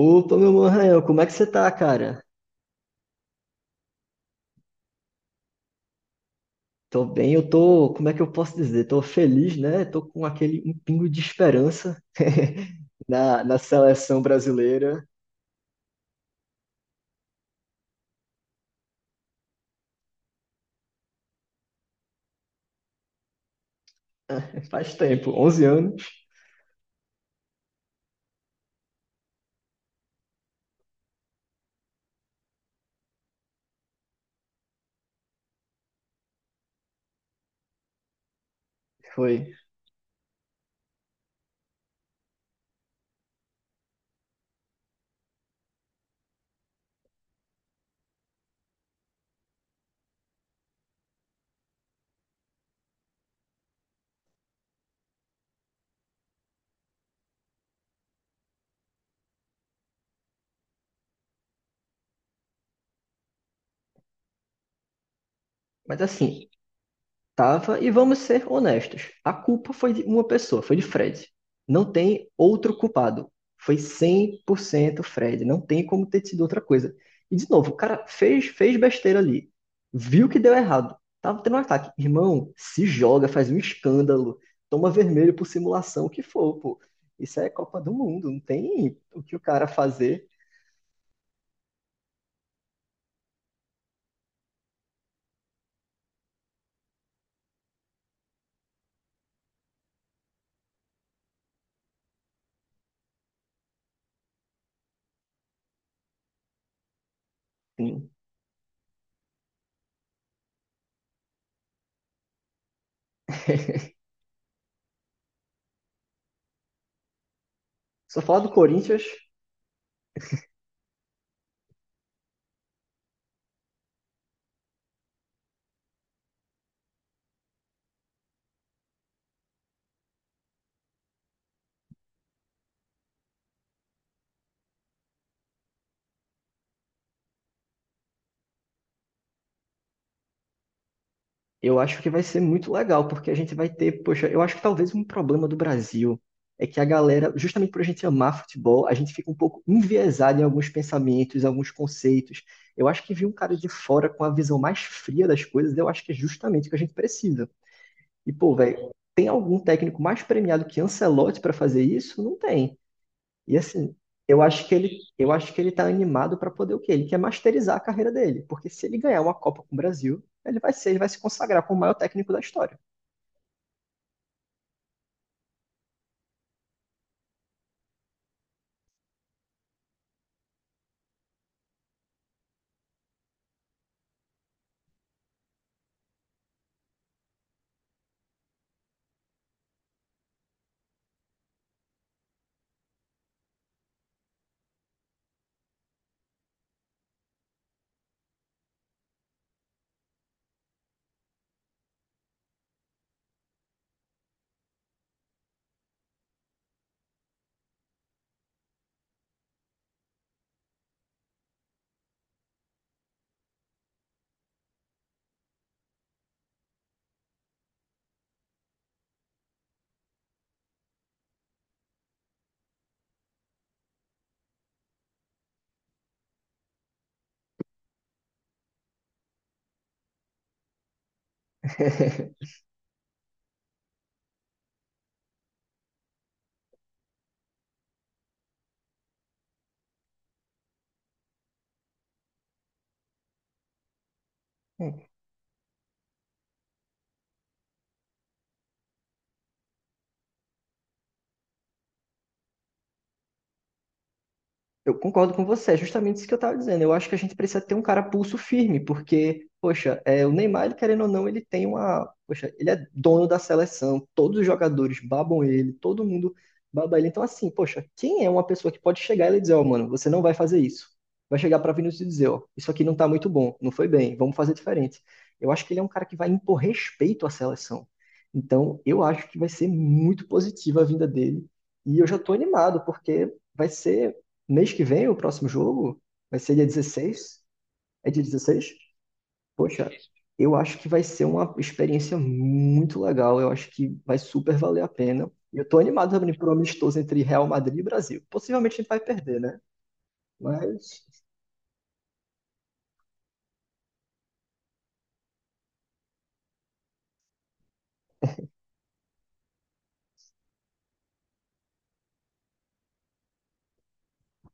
Opa, meu mano Rael, como é que você tá, cara? Tô bem, eu tô, como é que eu posso dizer? Tô feliz, né? Tô com aquele um pingo de esperança na seleção brasileira. Faz tempo, 11 anos foi. Mas assim, tava, e vamos ser honestos, a culpa foi de uma pessoa, foi de Fred. Não tem outro culpado. Foi 100% Fred, não tem como ter sido outra coisa. E de novo, o cara fez besteira ali, viu que deu errado, tava tendo um ataque. Irmão, se joga, faz um escândalo, toma vermelho por simulação, o que for, pô. Isso é Copa do Mundo, não tem o que o cara fazer. Sim. Só falar do Corinthians. Eu acho que vai ser muito legal, porque a gente vai ter, poxa, eu acho que talvez um problema do Brasil é que a galera, justamente por a gente amar futebol, a gente fica um pouco enviesado em alguns pensamentos, alguns conceitos. Eu acho que vir um cara de fora com a visão mais fria das coisas, eu acho que é justamente o que a gente precisa. E, pô, velho, tem algum técnico mais premiado que Ancelotti para fazer isso? Não tem. E assim, eu acho que ele, eu acho que ele tá animado para poder o quê? Ele quer masterizar a carreira dele, porque se ele ganhar uma Copa com o Brasil, ele vai ser, ele vai se consagrar como o maior técnico da história. Eu concordo com você, é justamente isso que eu estava dizendo. Eu acho que a gente precisa ter um cara pulso firme, porque, poxa, é, o Neymar, ele, querendo ou não, ele tem uma. Poxa, ele é dono da seleção, todos os jogadores babam ele, todo mundo baba ele. Então, assim, poxa, quem é uma pessoa que pode chegar e ele dizer, ó, mano, você não vai fazer isso? Vai chegar para Vinícius e dizer, ó, isso aqui não tá muito bom, não foi bem, vamos fazer diferente. Eu acho que ele é um cara que vai impor respeito à seleção. Então, eu acho que vai ser muito positiva a vinda dele. E eu já estou animado, porque vai ser mês que vem, o próximo jogo vai ser dia 16. É dia 16. Poxa, eu acho que vai ser uma experiência muito legal. Eu acho que vai super valer a pena. E eu tô animado também pro amistoso entre Real Madrid e Brasil. Possivelmente a gente vai perder, né? Mas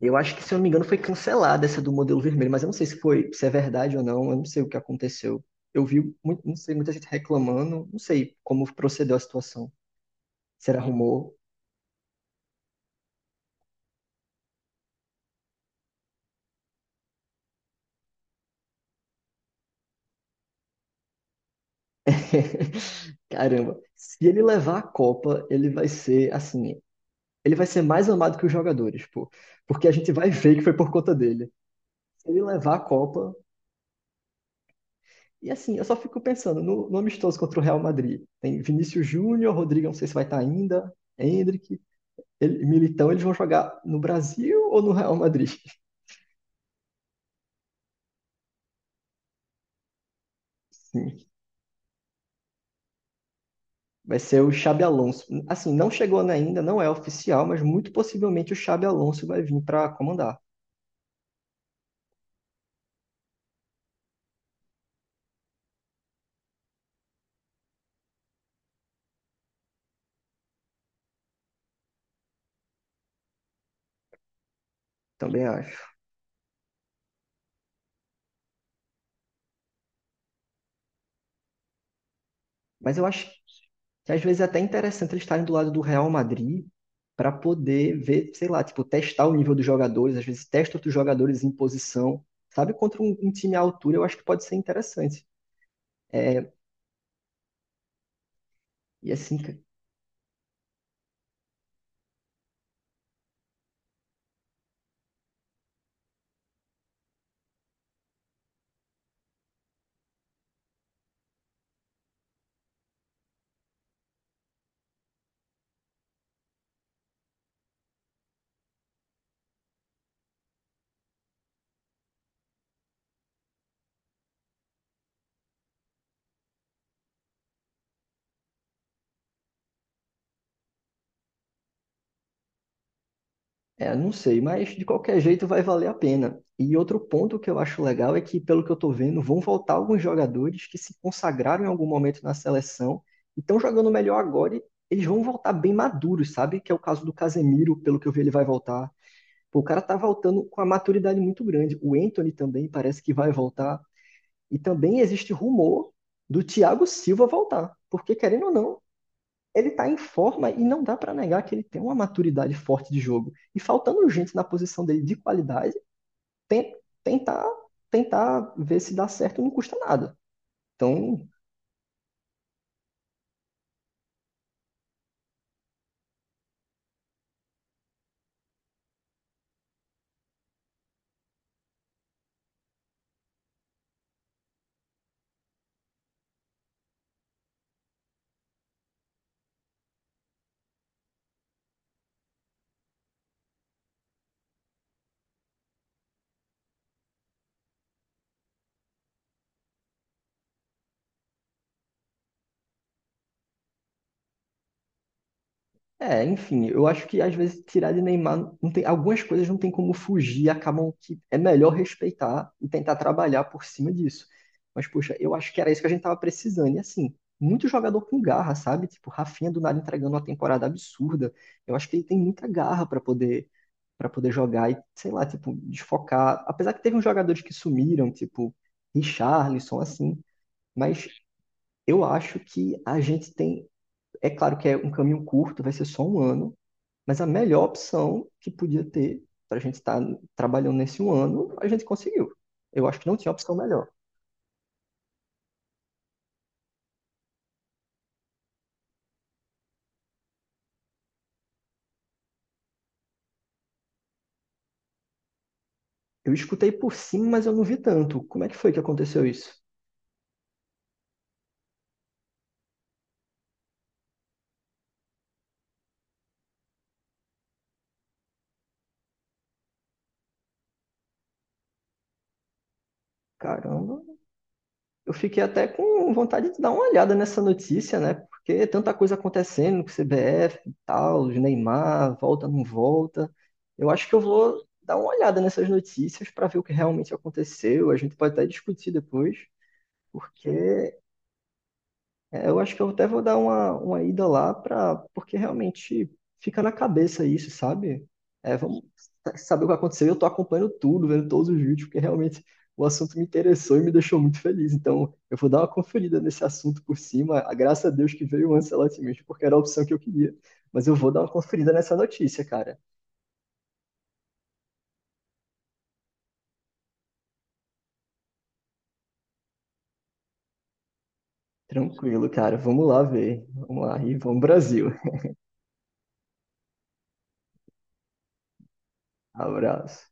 eu acho que, se eu não me engano, foi cancelada essa do modelo vermelho. Mas eu não sei se foi, se é verdade ou não. Eu não sei o que aconteceu. Eu vi, muito, não sei, muita gente reclamando. Não sei como procedeu a situação. Será rumor? Caramba, se ele levar a Copa, ele vai ser assim, ele vai ser mais amado que os jogadores, pô, porque a gente vai ver que foi por conta dele. Se ele levar a Copa, e assim, eu só fico pensando no amistoso contra o Real Madrid. Tem Vinícius Júnior, Rodrigo, não sei se vai estar ainda, Endrick, ele, Militão, eles vão jogar no Brasil ou no Real Madrid? Sim, vai ser o Xabi Alonso. Assim, não chegou né, ainda, não é oficial, mas muito possivelmente o Xabi Alonso vai vir para comandar, também acho. Mas eu acho que às vezes é até interessante eles estarem do lado do Real Madrid para poder ver, sei lá, tipo, testar o nível dos jogadores, às vezes testa outros jogadores em posição, sabe? Contra um time à altura, eu acho que pode ser interessante. É, e assim, é, não sei, mas de qualquer jeito vai valer a pena. E outro ponto que eu acho legal é que, pelo que eu tô vendo, vão voltar alguns jogadores que se consagraram em algum momento na seleção e estão jogando melhor agora e eles vão voltar bem maduros, sabe? Que é o caso do Casemiro, pelo que eu vi, ele vai voltar. Pô, o cara tá voltando com a maturidade muito grande. O Anthony também parece que vai voltar. E também existe rumor do Thiago Silva voltar. Porque, querendo ou não, ele tá em forma e não dá pra negar que ele tem uma maturidade forte de jogo. E faltando gente na posição dele de qualidade, ten- tentar, tentar ver se dá certo não custa nada. Então, é, enfim, eu acho que às vezes tirar de Neymar, não tem, algumas coisas não tem como fugir, acabam que é melhor respeitar e tentar trabalhar por cima disso. Mas, poxa, eu acho que era isso que a gente tava precisando. E assim, muito jogador com garra, sabe? Tipo, Rafinha do nada entregando uma temporada absurda. Eu acho que ele tem muita garra para poder jogar e, sei lá, tipo, desfocar. Apesar que teve uns jogadores que sumiram, tipo, Richarlison, assim, mas eu acho que a gente tem. É claro que é um caminho curto, vai ser só um ano, mas a melhor opção que podia ter para a gente estar trabalhando nesse um ano, a gente conseguiu. Eu acho que não tinha opção melhor. Eu escutei por cima, mas eu não vi tanto. Como é que foi que aconteceu isso? Caramba, eu fiquei até com vontade de dar uma olhada nessa notícia, né? Porque é tanta coisa acontecendo com o CBF e tal, os Neymar, volta, não volta. Eu acho que eu vou dar uma olhada nessas notícias para ver o que realmente aconteceu. A gente pode até discutir depois, porque é, eu acho que eu até vou dar uma ida lá para porque realmente fica na cabeça isso, sabe? É, vamos saber o que aconteceu. Eu tô acompanhando tudo, vendo todos os vídeos, porque realmente o assunto me interessou e me deixou muito feliz. Então, eu vou dar uma conferida nesse assunto por cima. A graça a Deus que veio o Ancelotti mesmo, porque era a opção que eu queria. Mas eu vou dar uma conferida nessa notícia, cara. Tranquilo, cara. Vamos lá ver. Vamos lá e vamos Brasil. Abraço.